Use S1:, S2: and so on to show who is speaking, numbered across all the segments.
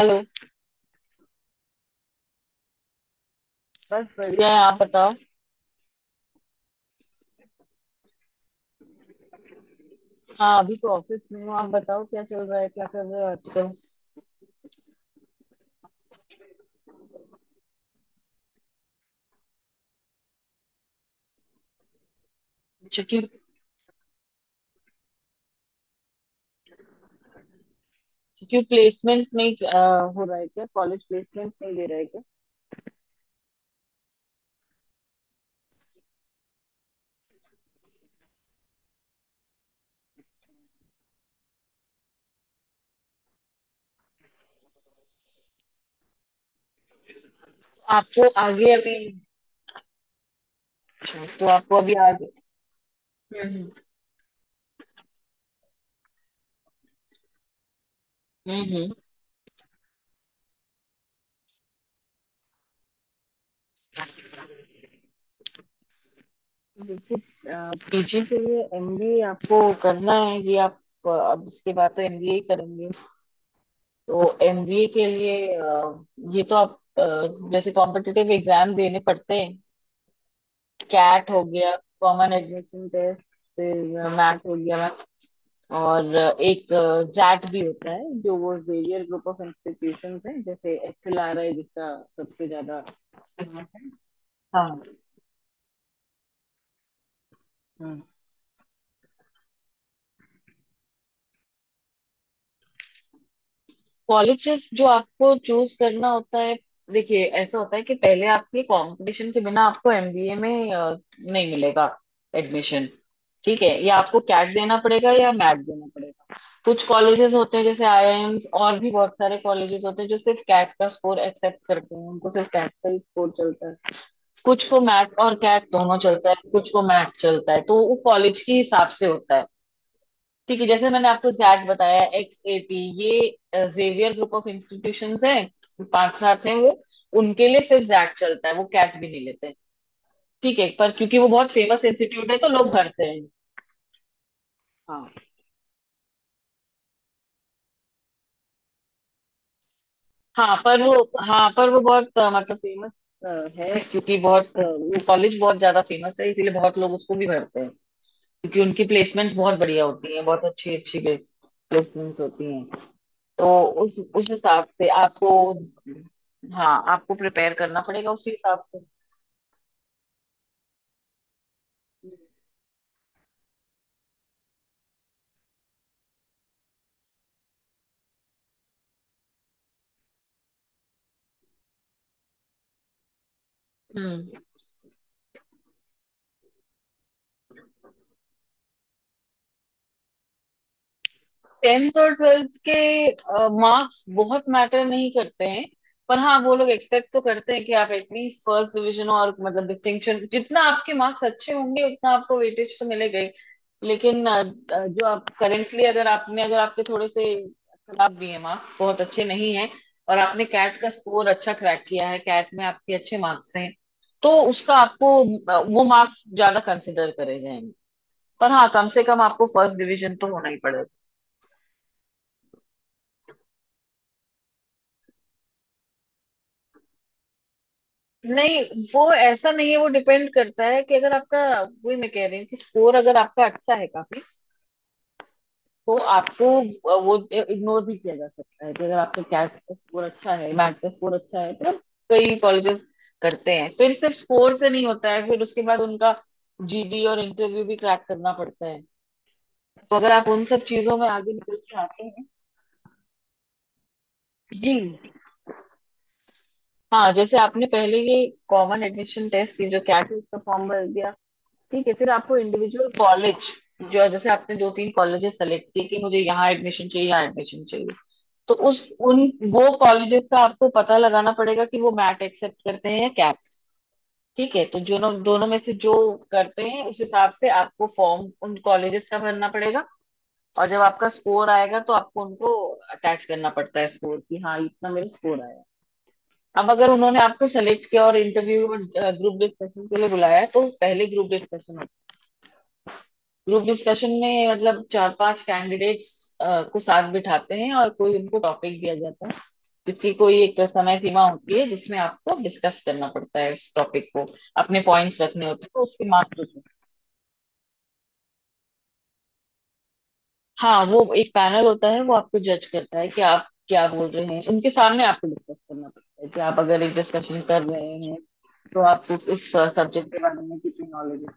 S1: Hello. बस क्या? बढ़िया है, आप बताओ। हाँ, अभी तो ऑफिस में हूँ। आप बताओ, क्या चल रहा है, क्या कर रहे हो आजकल? छुट्टी? छुट्टी प्लेसमेंट नहीं, हो रहा है क्या? कॉलेज प्लेसमेंट नहीं दे रहा है क्या? तो आपको आगे अभी, अच्छा, तो आपको अभी आगे। हम्म, हम्म, देखिए, पीजी के लिए एमबीए आपको करना है? ये आप, अब इसके बाद तो एमबीए ही करेंगे। तो एमबीए के लिए, ये तो आप, अ, जैसे कॉम्पिटिटिव एग्जाम देने पड़ते हैं। कैट हो गया, कॉमन एडमिशन टेस्ट। फिर मैट हो गया। और एक जैट भी होता है, जो वो जेवियर ग्रुप ऑफ इंस्टीट्यूशंस है, जैसे एचएलआरआई जिसका सबसे ज्यादा फेमस है। हाँ। हम्म। कॉलेजेस जो आपको चूज करना होता है। देखिए, ऐसा होता है कि पहले आपके कंपटीशन के बिना आपको एमबीए में, नहीं मिलेगा एडमिशन। ठीक है, या आपको कैट देना पड़ेगा या मैट देना पड़ेगा। कुछ कॉलेजेस होते हैं जैसे आईआईएम्स, और भी बहुत सारे कॉलेजेस होते हैं जो सिर्फ कैट का स्कोर एक्सेप्ट करते हैं, उनको सिर्फ कैट का ही स्कोर चलता है। कुछ को मैट और कैट दोनों चलता है, कुछ को मैट चलता है, तो वो कॉलेज के हिसाब से होता है। ठीक है, जैसे मैंने आपको जैट बताया, एक्स एटी, ये जेवियर ग्रुप ऑफ इंस्टीट्यूशंस हैं, पांच सात हैं वो। उनके लिए सिर्फ जैट चलता है, वो कैट भी नहीं लेते। ठीक है, पर क्योंकि वो बहुत फेमस इंस्टीट्यूट है तो लोग भरते हैं। हाँ। हाँ पर वो हाँ पर वो बहुत, मतलब फेमस है, क्योंकि बहुत, वो कॉलेज बहुत ज्यादा फेमस है, इसीलिए बहुत लोग उसको भी भरते हैं। क्योंकि उनकी प्लेसमेंट्स बहुत बढ़िया होती हैं, बहुत अच्छी अच्छी प्लेसमेंट्स होती हैं। तो उस हिसाब से आपको, हाँ, आपको प्रिपेयर करना पड़ेगा उसी हिसाब से। हम्म टेंथ और ट्वेल्थ के मार्क्स बहुत मैटर नहीं करते हैं। पर हाँ, वो लोग एक्सपेक्ट तो करते हैं कि आप एटलीस्ट फर्स्ट डिवीजन, और मतलब डिस्टिंक्शन, जितना आपके मार्क्स अच्छे होंगे उतना आपको वेटेज तो मिलेगा ही। लेकिन जो आप करेंटली, अगर आपके थोड़े से खराब भी है मार्क्स, बहुत अच्छे नहीं है, और आपने कैट का स्कोर अच्छा क्रैक किया है, कैट में आपके अच्छे मार्क्स हैं, तो उसका आपको, वो मार्क्स ज्यादा कंसिडर करे जाएंगे। पर हाँ, कम से कम आपको फर्स्ट डिवीजन तो होना ही पड़ेगा। नहीं, वो ऐसा नहीं है, वो डिपेंड करता है कि अगर आपका, वही मैं कह रही हूँ कि स्कोर अगर आपका अच्छा है काफी, तो आपको वो इग्नोर भी किया जा सकता है, कि अगर आपका कैट का स्कोर अच्छा है, मैथ का स्कोर अच्छा है, तो कई कॉलेजेस करते हैं। फिर सिर्फ स्कोर से नहीं होता है, फिर उसके बाद उनका जीडी और इंटरव्यू भी क्रैक करना पड़ता है, तो अगर आप उन सब चीजों में आगे निकल के आते हैं। जी। हाँ, जैसे आपने पहले ये कॉमन एडमिशन टेस्ट, ये जो कैट का फॉर्म भर दिया, ठीक है, फिर आपको इंडिविजुअल कॉलेज, जो, जैसे आपने दो तीन कॉलेजेस सेलेक्ट किए कि मुझे यहाँ एडमिशन चाहिए, यहाँ एडमिशन चाहिए, तो उस उन वो कॉलेजेस का आपको पता लगाना पड़ेगा कि वो मैट एक्सेप्ट करते हैं या कैप। ठीक है, तो जो, दोनों में से जो करते हैं, उस हिसाब से आपको फॉर्म उन कॉलेजेस का भरना पड़ेगा, और जब आपका स्कोर आएगा तो आपको उनको अटैच करना पड़ता है स्कोर, कि हाँ इतना मेरा स्कोर आया। अब अगर उन्होंने आपको सेलेक्ट किया और इंटरव्यू और ग्रुप डिस्कशन के लिए बुलाया है, तो पहले ग्रुप डिस्कशन। ग्रुप डिस्कशन में मतलब चार पांच कैंडिडेट्स को साथ बिठाते हैं, और कोई उनको टॉपिक दिया जाता है, जिसकी कोई एक समय सीमा होती है, जिसमें आपको डिस्कस करना पड़ता है इस टॉपिक को, अपने पॉइंट्स रखने होते हैं, उसके मार्क्स होते हैं। हाँ, वो एक पैनल होता है, वो आपको जज करता है कि आप क्या बोल रहे हैं, उनके सामने आपको डिस्कस करना पड़ता है, कि आप अगर एक डिस्कशन कर रहे हैं तो आपको इस सब्जेक्ट के बारे में कितनी नॉलेज है।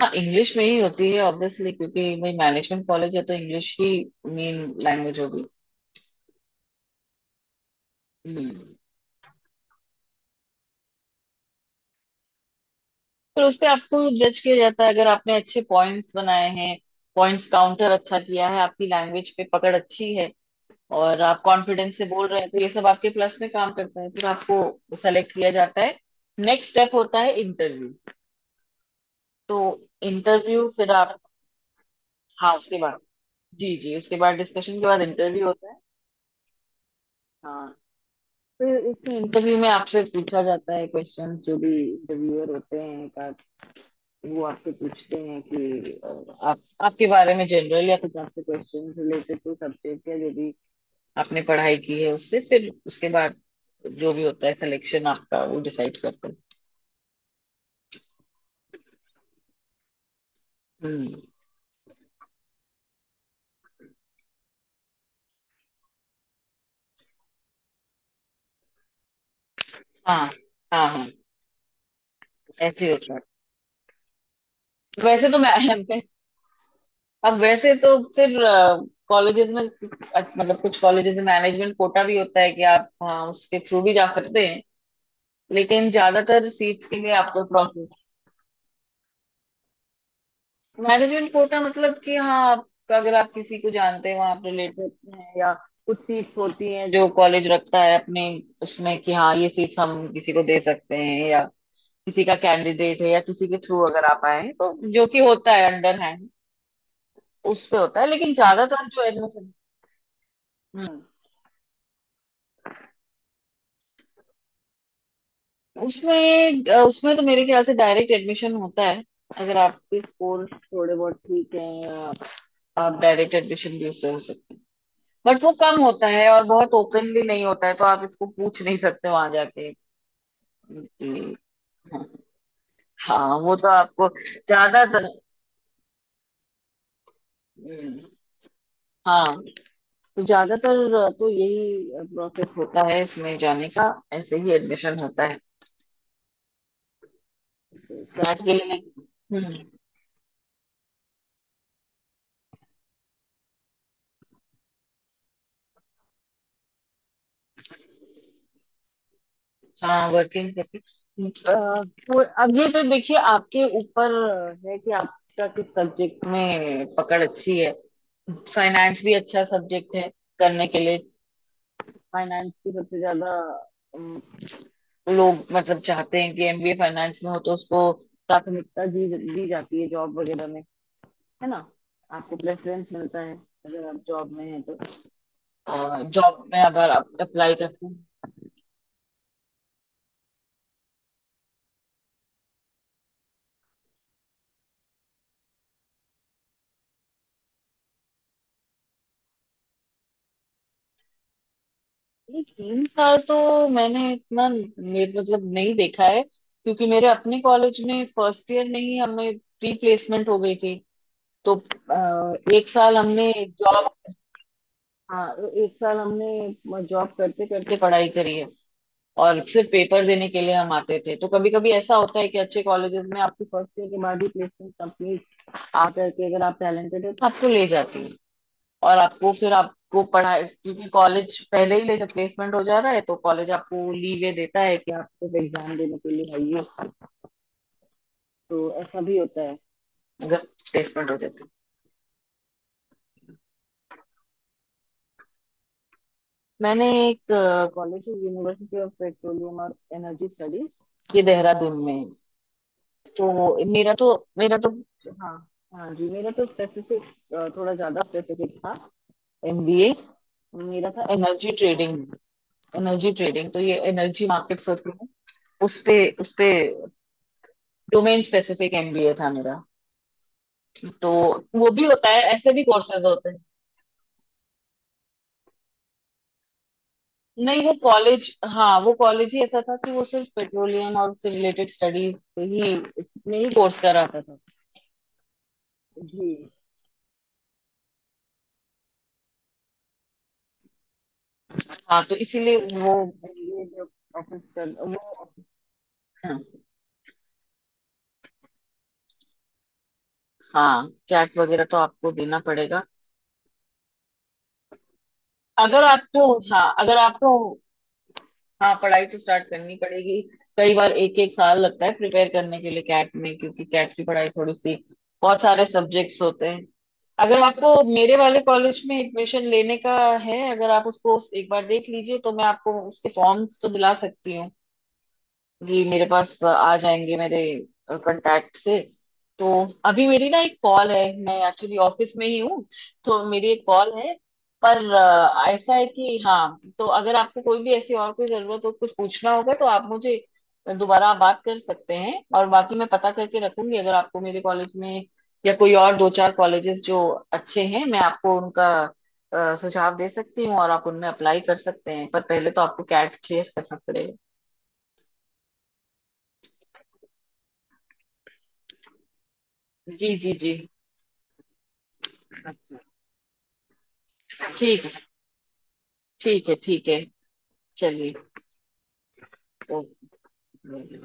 S1: हाँ, इंग्लिश में ही होती है ऑब्वियसली, क्योंकि वही मैनेजमेंट कॉलेज है, तो इंग्लिश ही मेन लैंग्वेज होगी। हम्म। फिर उस पे आपको जज किया जाता है, अगर आपने अच्छे पॉइंट्स बनाए हैं, पॉइंट्स काउंटर अच्छा किया है, आपकी लैंग्वेज पे पकड़ अच्छी है, और आप कॉन्फिडेंस से बोल रहे हैं, तो ये सब आपके प्लस में काम करता है, फिर आपको सेलेक्ट किया जाता है। नेक्स्ट स्टेप होता है इंटरव्यू। तो इंटरव्यू फिर आप, हाँ उसके बाद, जी जी, उसके बाद डिस्कशन के बाद इंटरव्यू होता है। हाँ, फिर इस इंटरव्यू में आपसे पूछा जाता है क्वेश्चन, जो भी इंटरव्यूअर होते हैं वो आपसे पूछते हैं कि, आप आपके बारे में जनरल, या कुछ आपसे क्वेश्चन रिलेटेड टू सब्जेक्ट, या जो भी आपने पढ़ाई की है उससे, फिर उसके बाद जो भी होता है सिलेक्शन आपका वो डिसाइड करते हैं। हम्म। हाँ, हाँ, हाँ, ऐसे ही होता है। वैसे तो मैं अब वैसे तो फिर कॉलेजेस में, मतलब कुछ कॉलेजेस में मैनेजमेंट कोटा भी होता है, कि आप, हाँ, उसके थ्रू भी जा सकते हैं, लेकिन ज्यादातर सीट्स के लिए आपको। मैनेजमेंट कोटा मतलब कि हाँ आप, अगर आप किसी को जानते हैं, वहाँ आप रिलेटेड हैं, या कुछ सीट्स होती हैं जो कॉलेज रखता है अपने, उसमें कि हाँ ये सीट्स हम किसी को दे सकते हैं, या किसी का कैंडिडेट है, या किसी के थ्रू अगर आप आए हैं, तो जो कि होता है अंडर हैंड, उस पे होता है। लेकिन ज्यादातर जो एडमिशन, हम्म उसमें तो मेरे ख्याल से डायरेक्ट एडमिशन होता है, अगर आपके स्कोर थोड़े बहुत ठीक है आप डायरेक्ट एडमिशन भी उससे हो सकते हैं। बट वो कम होता है और बहुत ओपनली नहीं होता है, तो आप इसको पूछ नहीं सकते वहां जाके कि। हाँ वो तो आपको ज्यादातर। हम्म। हाँ, तो ज्यादातर तो यही प्रोसेस होता है इसमें जाने का, ऐसे ही एडमिशन होता है। फ्लैट के लिए नहीं। हम्म। हाँ, वर्किंग कैसे, तो अब ये तो देखिए आपके ऊपर है कि आपका किस सब्जेक्ट में पकड़ अच्छी है। फाइनेंस भी अच्छा सब्जेक्ट है करने के लिए। फाइनेंस की सबसे ज्यादा, अम, लोग मतलब चाहते हैं कि एमबीए फाइनेंस में हो, तो उसको प्राथमिकता दी दी जाती है जॉब वगैरह में, है ना, आपको प्रेफरेंस मिलता है, अगर आप जॉब में हैं तो, जॉब में अगर आप अप्लाई करते हैं। ये 3 साल तो मैंने इतना, मेरे मतलब नहीं देखा है, क्योंकि मेरे अपने कॉलेज में फर्स्ट ईयर में ही हमें प्री प्लेसमेंट हो गई थी। तो एक साल हमने जॉब, हाँ, एक साल हमने जॉब करते करते पढ़ाई करी है, और सिर्फ पेपर देने के लिए हम आते थे। तो कभी कभी ऐसा होता है कि अच्छे कॉलेजेस में आपकी फर्स्ट ईयर के बाद ही प्लेसमेंट कंप्लीट आ करके, अगर आप टैलेंटेड हो तो आपको ले जाती है, और आपको, फिर आपको पढ़ाई, क्योंकि कॉलेज पहले ही ले, जब प्लेसमेंट हो जा रहा है तो कॉलेज आपको लीवे देता है कि आप सिर्फ एग्जाम देने के लिए आइए। तो ऐसा भी होता है, अगर प्लेसमेंट हो जाती है। मैंने एक कॉलेज, यूनिवर्सिटी ऑफ पेट्रोलियम और एनर्जी स्टडीज, ये देहरादून में है। तो मेरा तो मेरा तो, हाँ, हाँ जी, मेरा तो स्पेसिफिक, थोड़ा ज्यादा स्पेसिफिक था एमबीए, मेरा था एनर्जी ट्रेडिंग। एनर्जी ट्रेडिंग, तो ये एनर्जी मार्केट्स होती है, उस पे उस पे डोमेन स्पेसिफिक एमबीए था मेरा। तो वो भी होता है, ऐसे भी कोर्सेज होते हैं। नहीं, वो कॉलेज हाँ, वो कॉलेज ही ऐसा था कि वो सिर्फ पेट्रोलियम और उससे रिलेटेड स्टडीज पे ही, में ही कोर्स कराता था। जी। हाँ, तो इसीलिए वो, ये जो ऑफिस कर वो, हाँ। हाँ, कैट वगैरह तो आपको देना पड़ेगा। अगर आपको, हाँ, अगर आपको, हाँ, पढ़ाई तो स्टार्ट करनी पड़ेगी। कई बार एक एक साल लगता है प्रिपेयर करने के लिए कैट में, क्योंकि कैट की पढ़ाई थोड़ी सी, बहुत सारे सब्जेक्ट्स होते हैं। अगर आपको मेरे वाले कॉलेज में एडमिशन लेने का है, अगर आप उसको एक बार देख लीजिए, तो मैं आपको उसके फॉर्म्स तो दिला सकती हूँ, ये मेरे पास आ जाएंगे मेरे कांटेक्ट से। तो अभी मेरी ना एक कॉल है, मैं एक्चुअली ऑफिस में ही हूँ, तो मेरी एक कॉल है। पर ऐसा है कि हाँ, तो अगर आपको कोई भी ऐसी और कोई जरूरत हो, कुछ पूछना होगा, तो आप मुझे दोबारा बात कर सकते हैं, और बाकी मैं पता करके रखूंगी, अगर आपको मेरे कॉलेज में, या कोई और दो चार कॉलेजेस जो अच्छे हैं, मैं आपको उनका सुझाव दे सकती हूँ, और आप उनमें अप्लाई कर सकते हैं, पर पहले तो आपको कैट क्लियर करना पड़ेगा। जी, जी, जी। अच्छा। ठीक है, ठीक है, ठीक है। चलिए। ओके।